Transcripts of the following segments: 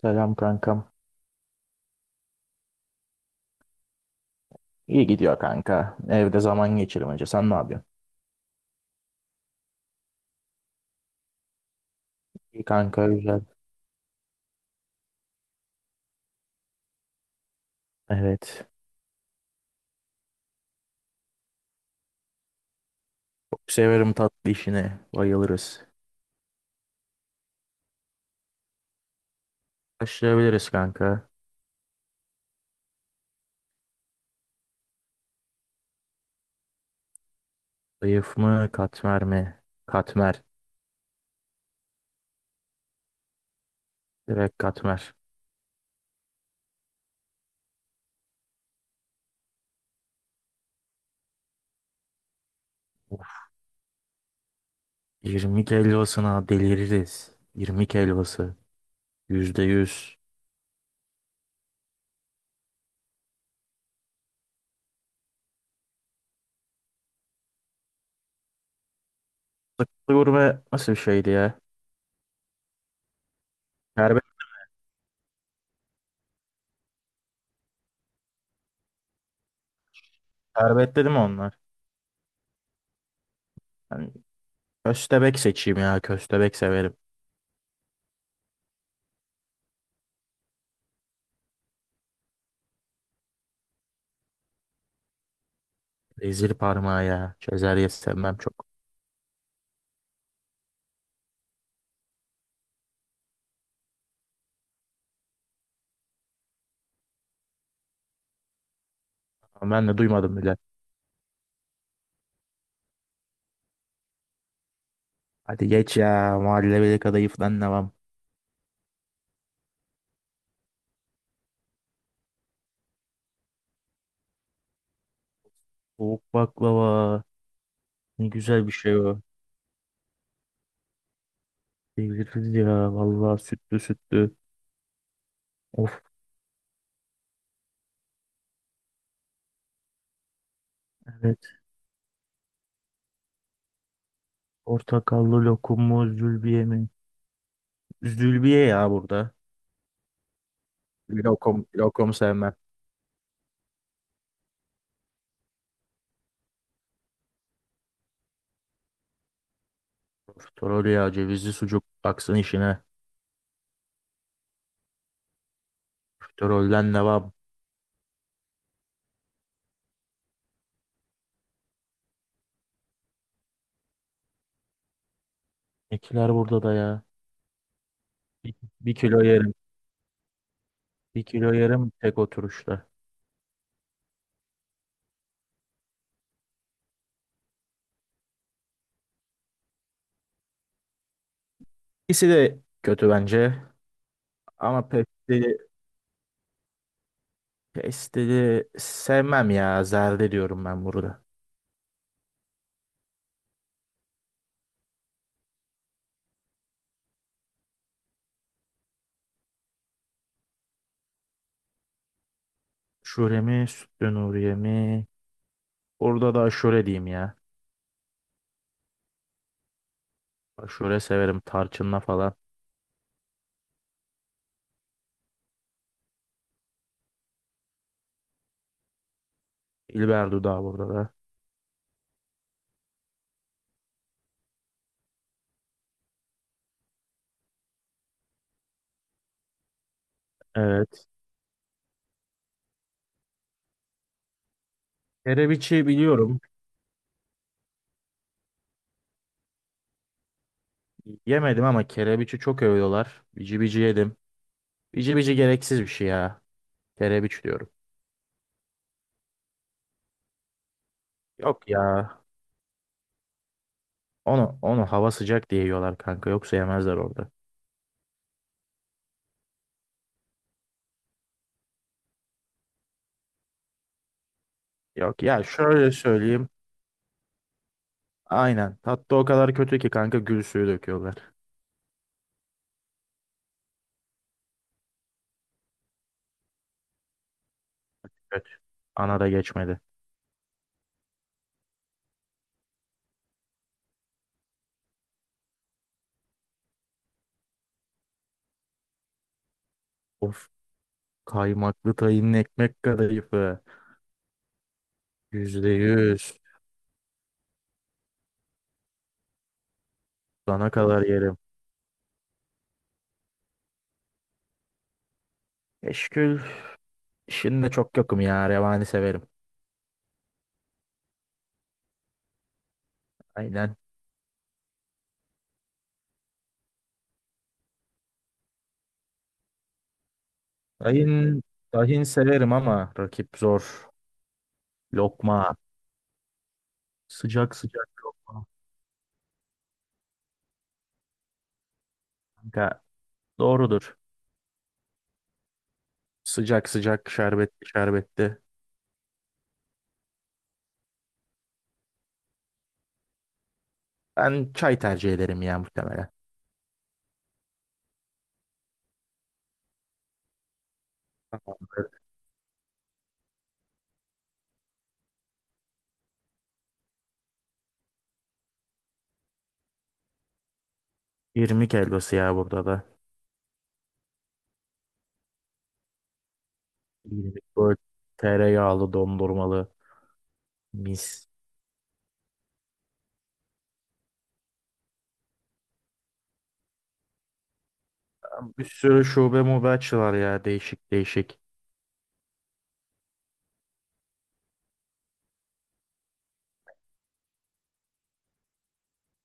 Selam kankam. İyi gidiyor kanka. Evde zaman geçirmece. Sen ne yapıyorsun? İyi kanka güzel. Evet. Çok severim tatlı işini. Bayılırız. Başlayabiliriz kanka. Zayıf mı katmer mi? Katmer. Direkt katmer. 20 helvasına deliririz. 20 helvası. Yüzde yüz. Gurme nasıl bir şeydi ya? Şerbet, şerbet dedim onlar. Yani köstebek seçeyim ya. Köstebek severim. Rezil parmağı ya. Çözer yesem çok. Ama ben de duymadım bile. Hadi geç ya. Mahalleli kadayıf falan var? Soğuk baklava. Ne güzel bir şey o. Deliririz ya. Vallahi sütlü sütlü. Of, evet. Portakallı lokum mu zülbiye mi? Zülbiye ya burada. Lokum, lokum sevmem. Profiterol ya cevizli sucuk. Baksın işine. Profiterolden ne var? Ekiler burada da ya. Bir, bir kilo yerim. Bir kilo yerim tek oturuşta. İkisi de kötü bence. Ama Pesteli sevmem ya. Zerde diyorum ben burada. Şöyle mi? Sütlü Nuriye mi? Burada da aşure diyeyim ya. Aşure severim. Tarçınla falan. İlber dudağı burada da. Evet. Kerebiçi biliyorum. Yemedim ama kerebiçi çok övüyorlar. Bici bici yedim. Bici bici gereksiz bir şey ya. Kerebiç diyorum. Yok ya. Onu hava sıcak diye yiyorlar kanka. Yoksa yemezler orada. Yok ya, şöyle söyleyeyim. Aynen. Tatlı o kadar kötü ki kanka gül suyu döküyorlar. Evet. Ana da geçmedi. Of, kaymaklı tayının ekmek kadayıfı. Yüzde yüz. Sana kadar yerim. Eşkül işinde çok yokum ya. Revani severim. Aynen. Tahin, tahin severim ama rakip zor. Lokma. Sıcak sıcak lokma. Kanka, doğrudur. Sıcak sıcak şerbetli şerbetli. Ben çay tercih ederim ya muhtemelen. Tamamdır. 20 helvası ya burada da. 20, böyle tereyağlı dondurmalı, mis. Bir sürü şube mobe açılar ya, değişik değişik.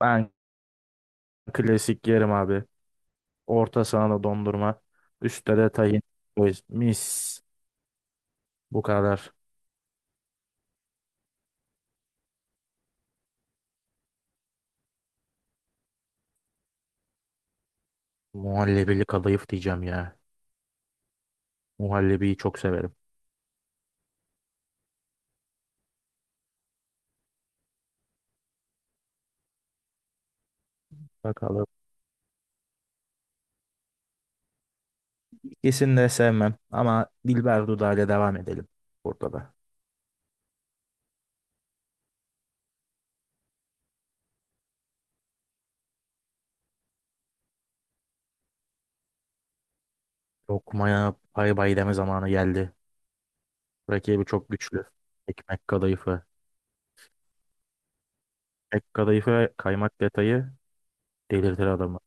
Ben klasik yerim abi. Orta sahada dondurma. Üstte de tahin. Mis. Bu kadar. Muhallebili kadayıf diyeceğim ya. Muhallebiyi çok severim. Bakalım. İkisini de sevmem ama Dilber Dudağ'la devam edelim burada da. Lokmaya bay bay deme zamanı geldi. Rakibi çok güçlü. Ekmek kadayıfı. Ekmek kadayıfı ve kaymak detayı delirtir adamı.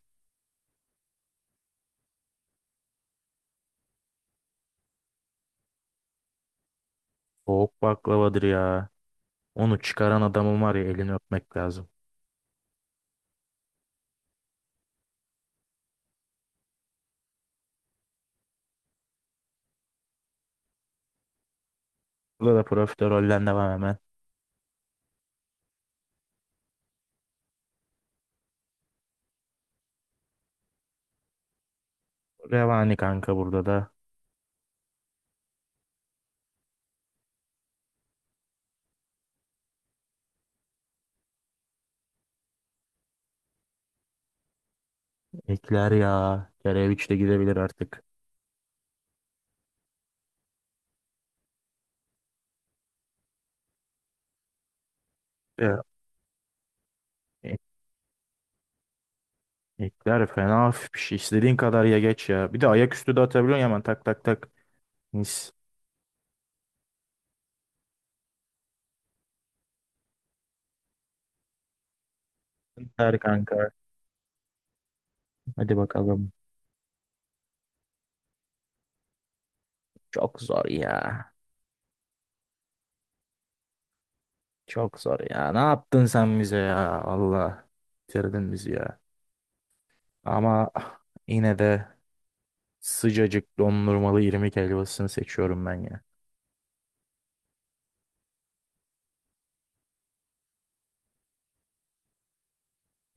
Soğuk baklavadır ya. Onu çıkaran adamın var ya, elini öpmek lazım. Burada da profiterollen devam hemen. Revani kanka burada da. Ekler ya. Kereviç de gidebilir artık. Ya. E- Ekler fena hafif bir şey. İstediğin kadar ya, geç ya. Bir de ayaküstü de atabiliyorsun hemen, tak tak tak. Mis. Süper kanka. Hadi bakalım. Çok zor ya. Çok zor ya. Ne yaptın sen bize ya? Allah. Bitirdin bizi ya. Ama yine de sıcacık dondurmalı irmik helvasını seçiyorum ben ya.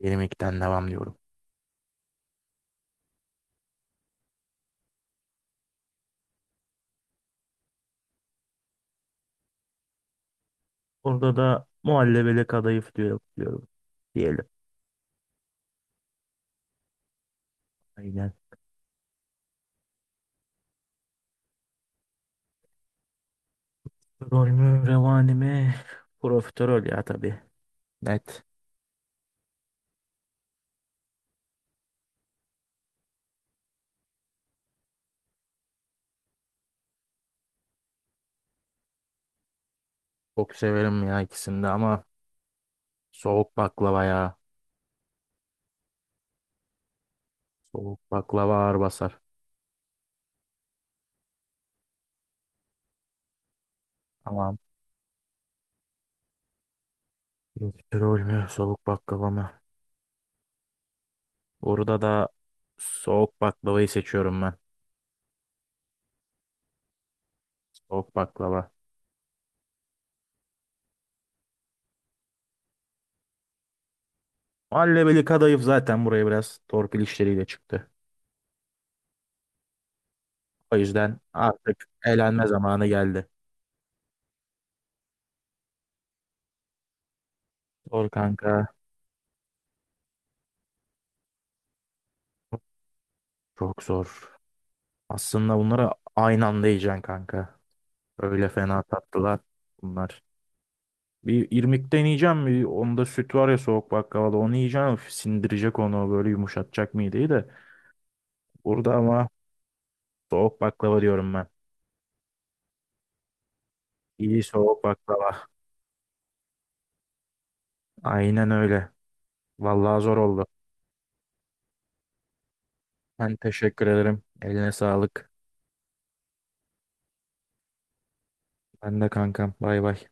Benim ilkten devam diyorum. Orada da muhallebele kadayıf diyorum diyelim. Aynen. Rol mü, revani mi? Profiterol ya tabii. Net. Çok severim ya ikisini de, ama soğuk baklava ya. Soğuk baklava ağır basar. Tamam. Profiterol mü? Soğuk baklava mı? Burada da soğuk baklavayı seçiyorum ben. Soğuk baklava. Muhallebeli kadayıf zaten buraya biraz torpil işleriyle çıktı. O yüzden artık eğlenme zamanı geldi. Sor kanka. Çok zor. Aslında bunlara aynı anda yiyeceksin kanka. Öyle fena tatlılar bunlar. Bir irmik deneyeceğim. Bir, onda süt var ya, soğuk baklavada onu yiyeceğim. Üf, sindirecek onu, böyle yumuşatacak mideyi de. Burada ama soğuk baklava diyorum ben. İyi soğuk baklava. Aynen öyle. Vallahi zor oldu. Ben teşekkür ederim. Eline sağlık. Ben de kankam. Bay bay.